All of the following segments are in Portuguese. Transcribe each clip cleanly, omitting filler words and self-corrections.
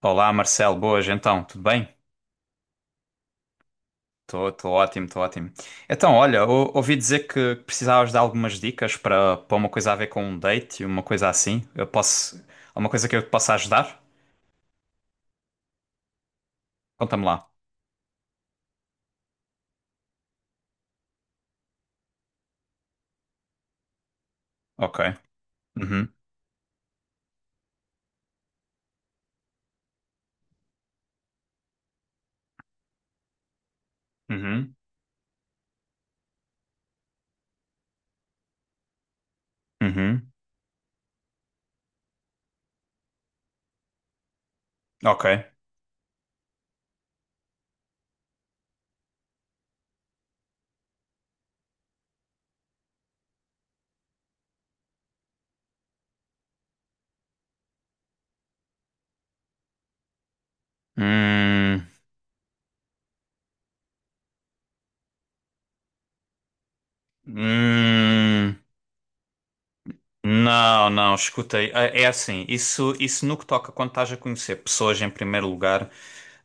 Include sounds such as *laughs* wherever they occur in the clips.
Olá, Marcelo, boas, então, tudo bem? Estou ótimo, estou ótimo. Então, olha, ouvi dizer que precisavas de algumas dicas para uma coisa a ver com um date, uma coisa assim. Eu posso. Alguma coisa que eu te possa ajudar? Conta-me lá. Ok. Uhum, uhum, uhum. Ok. Hum, hum. Não, não, escutei. É assim, isso no que toca quando estás a conhecer pessoas em primeiro lugar.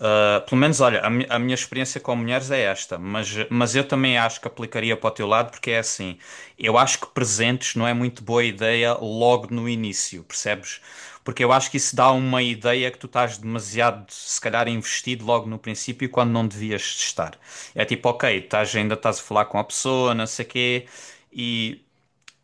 Pelo menos, olha, a minha experiência com mulheres é esta, mas eu também acho que aplicaria para o teu lado, porque é assim, eu acho que presentes não é muito boa ideia logo no início, percebes? Porque eu acho que isso dá uma ideia que tu estás demasiado, se calhar, investido logo no princípio quando não devias estar. É tipo, ok, estás, ainda estás a falar com a pessoa, não sei o quê.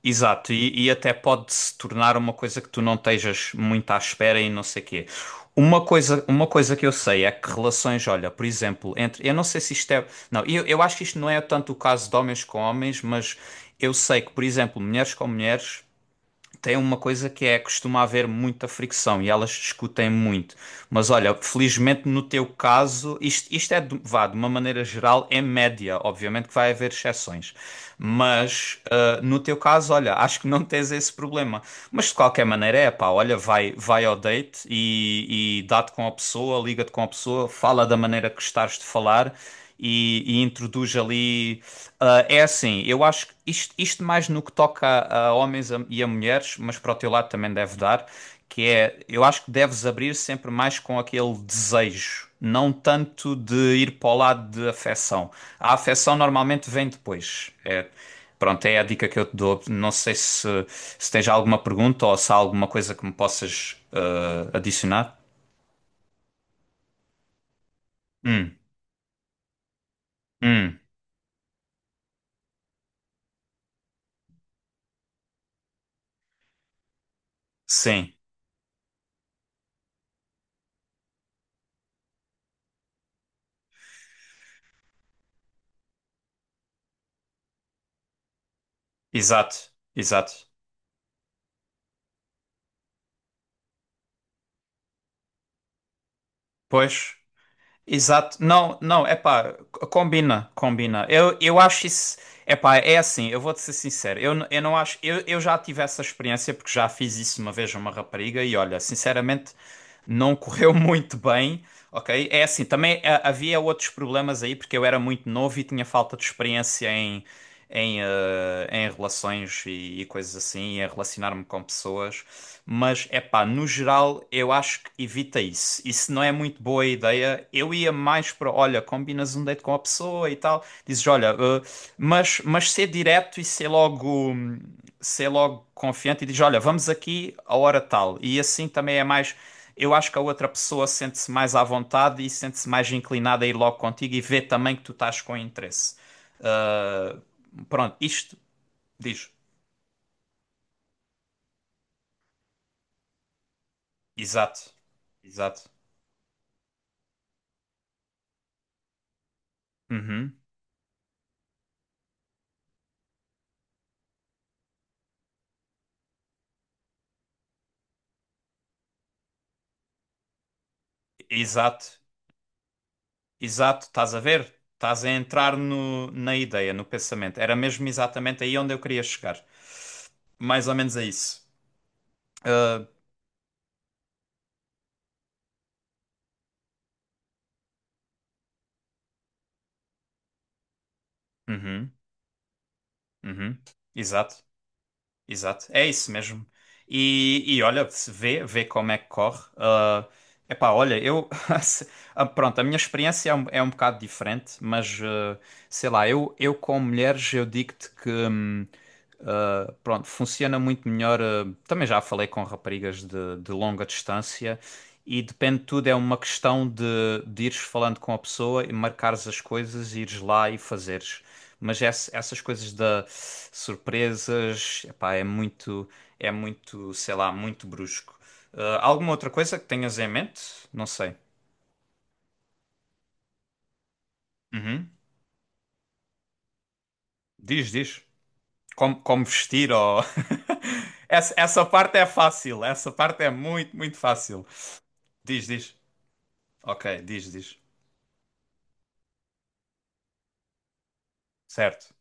Exato, e até pode se tornar uma coisa que tu não estejas muito à espera e não sei quê. Uma coisa que eu sei é que relações, olha, por exemplo, entre. Eu não sei se isto é. Não, eu acho que isto não é tanto o caso de homens com homens, mas eu sei que, por exemplo, mulheres com mulheres tem uma coisa que é costuma haver muita fricção e elas discutem muito. Mas olha, felizmente no teu caso, isto é, vá, de uma maneira geral, é média. Obviamente que vai haver exceções, mas. Ah, no teu caso, olha, acho que não tens esse problema. Mas de qualquer maneira, é pá, olha, vai ao date e dá-te com a pessoa, liga-te com a pessoa, fala da maneira que gostares de falar e introduz ali. É assim, eu acho que isto mais no que toca a homens e a mulheres, mas para o teu lado também deve dar, que é, eu acho que deves abrir sempre mais com aquele desejo, não tanto de ir para o lado de afecção. A afecção normalmente vem depois. É, pronto, é a dica que eu te dou. Não sei se, se tens alguma pergunta ou se há alguma coisa que me possas adicionar. Hum, hum, sim, exato, exato. Pois. Exato. Não, não, é pá, combina, combina. Eu acho isso. É pá, é assim, eu vou-te ser sincero. Eu, eu não acho. Eu já tive essa experiência porque já fiz isso uma vez a uma rapariga e olha, sinceramente, não correu *laughs* muito bem, ok? É assim, também havia outros problemas aí porque eu era muito novo e tinha falta de experiência em, em relações e coisas assim, e em relacionar-me com pessoas. Mas é pá, no geral eu acho que evita isso. Isso não é muito boa ideia. Eu ia mais para, olha, combinas um date com a pessoa e tal. Dizes, olha, mas ser direto e ser logo confiante e dizes, olha, vamos aqui a hora tal. E assim também é mais. Eu acho que a outra pessoa sente-se mais à vontade e sente-se mais inclinada a ir logo contigo e vê também que tu estás com interesse. Ah, pronto, isto diz. Exato. Exato. Uhum. Exato. Exato, estás a ver? Estás a entrar no, na ideia, no pensamento. Era mesmo exatamente aí onde eu queria chegar. Mais ou menos a isso. Ah, uhum, uhum. Exato. Exato, é isso mesmo. E olha, se vê, vê como é que corre. Ah, epá, olha, eu. *laughs* se- pronto, a minha experiência é um bocado diferente, mas sei lá, eu com mulheres, eu digo-te que. Pronto, funciona muito melhor. Também já falei com raparigas de longa distância e depende de tudo, é uma questão de ires falando com a pessoa e marcares as coisas, ires lá e fazeres. Mas essas coisas da surpresas, epá, é muito, sei lá, muito brusco. Ah, alguma outra coisa que tenhas em mente? Não sei. Uhum. Diz, diz. Como, como vestir ou... *laughs* Essa parte é fácil. Essa parte é muito, muito fácil. Diz, diz. Ok, diz, diz. Certo.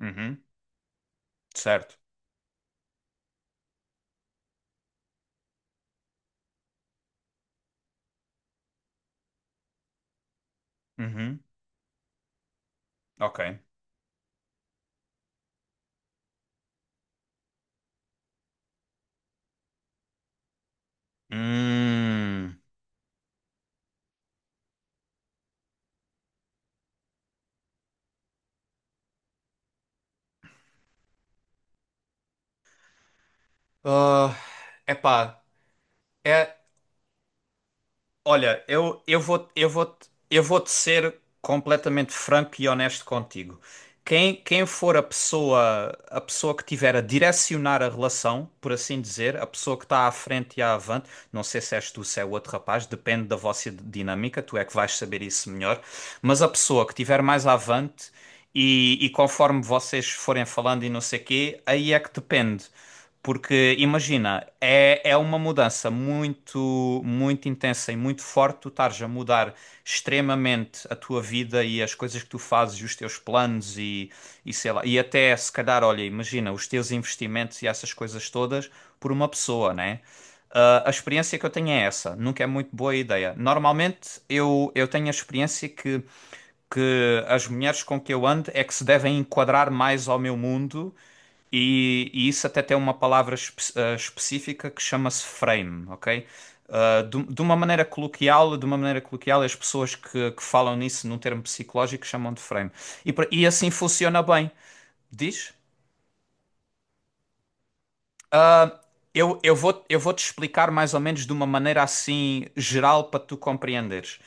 Uhum. Certo. Uhum. Ok. Hum. Ah, epá, é Olha, eu vou-te ser completamente franco e honesto contigo. Quem, quem for a pessoa que tiver a direcionar a relação, por assim dizer, a pessoa que está à frente e à avante, não sei se és tu, se é o outro rapaz, depende da vossa dinâmica, tu é que vais saber isso melhor, mas a pessoa que tiver mais à avante e conforme vocês forem falando e não sei quê, aí é que depende. Porque imagina, é, é uma mudança muito, muito intensa e muito forte. Tu estares a mudar extremamente a tua vida e as coisas que tu fazes, e os teus planos e sei lá. E até se calhar, olha, imagina os teus investimentos e essas coisas todas por uma pessoa, né? Ah, a experiência que eu tenho é essa. Nunca é muito boa ideia. Normalmente eu tenho a experiência que as mulheres com que eu ando é que se devem enquadrar mais ao meu mundo e isso até tem uma palavra específica que chama-se frame, ok? Ah, de uma maneira coloquial, de uma maneira coloquial, as pessoas que falam nisso num termo psicológico chamam de frame. E assim funciona bem. Diz? Eu vou te explicar mais ou menos de uma maneira assim geral para tu compreenderes.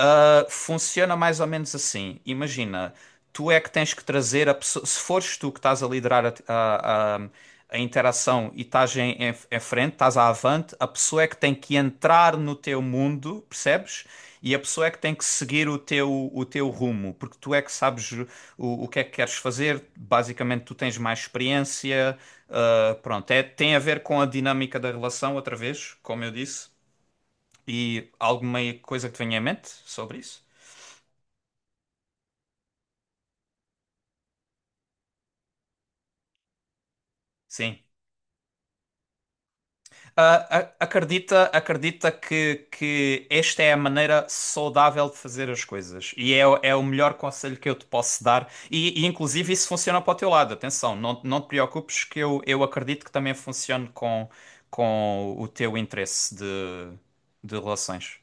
Funciona mais ou menos assim. Imagina, tu é que tens que trazer a pessoa. Se fores tu que estás a liderar a, a interação e estás em, em frente, estás à avante, a pessoa é que tem que entrar no teu mundo, percebes? E a pessoa é que tem que seguir o teu rumo, porque tu é que sabes o que é que queres fazer. Basicamente, tu tens mais experiência. Pronto, é, tem a ver com a dinâmica da relação, outra vez, como eu disse. E alguma coisa que te venha em mente sobre isso? Sim. Acredita, acredita que esta é a maneira saudável de fazer as coisas e é, é o melhor conselho que eu te posso dar. E, inclusive isso funciona para o teu lado. Atenção, não, não te preocupes que eu acredito que também funcione com o teu interesse de relações.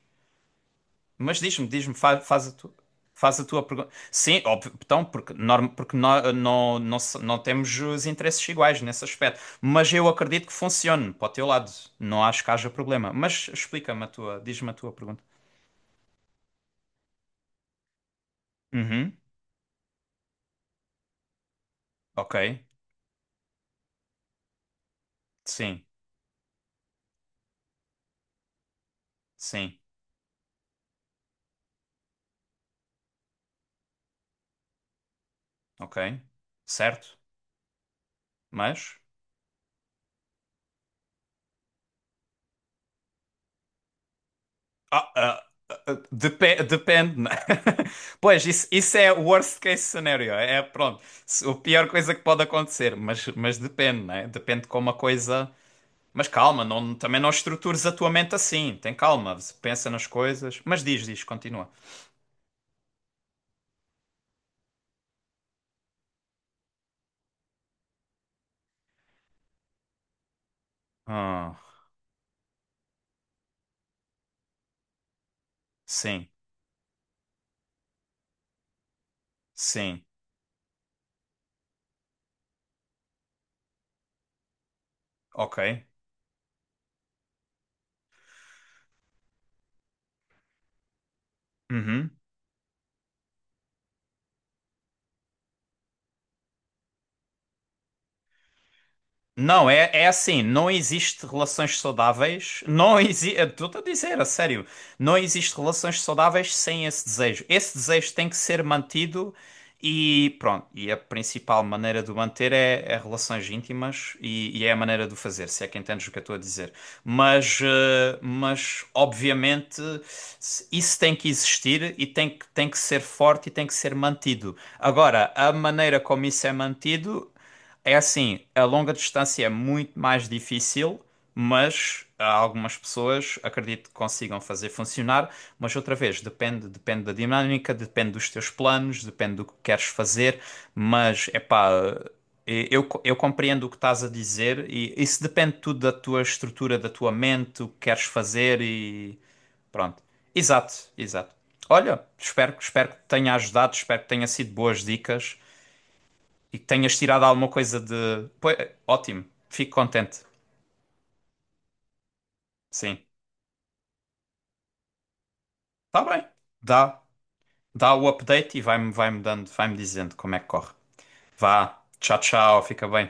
Mas diz-me, diz-me, faz, a tu, faz a tua pergunta. Sim, óbvio, então, porque, norm, porque não, não, não temos os interesses iguais nesse aspecto. Mas eu acredito que funcione para o teu lado. Não acho que haja problema. Mas explica-me a tua, diz-me a tua pergunta. Uhum, ok. Sim, sim, ok. Certo. Mas. Ah, ah, Depende, né? *laughs* Pois, isso é o worst case scenario. É, pronto, a pior coisa que pode acontecer, mas depende, né? Depende de como a coisa. Mas calma, não, também não estrutures a tua mente assim. Tem calma, pensa nas coisas. Mas diz, diz, continua. Ah, sim, sim, ok. Uhum. Não, é, é assim, não existe relações saudáveis, não existe, estou a dizer, a sério, não existe relações saudáveis sem esse desejo. Esse desejo tem que ser mantido e pronto, e a principal maneira de o manter é, é relações íntimas e é a maneira de o fazer, se é que entendes o que eu estou a dizer. Mas, mas obviamente isso tem que existir e tem que ser forte e tem que ser mantido. Agora, a maneira como isso é mantido é assim, a longa distância é muito mais difícil, mas há algumas pessoas acredito que consigam fazer funcionar, mas outra vez, depende, depende da dinâmica, depende dos teus planos, depende do que queres fazer, mas é pá, eu compreendo o que estás a dizer e isso depende tudo da tua estrutura, da tua mente, o que queres fazer e pronto. Exato, exato. Olha, espero, espero que te tenha ajudado, espero que tenha sido boas dicas e que tenhas tirado alguma coisa de. Pois, ótimo, fico contente. Sim, está bem. Dá, dá o update e vai-me vai-me dando, vai-me dizendo como é que corre. Vá, tchau, tchau, fica bem.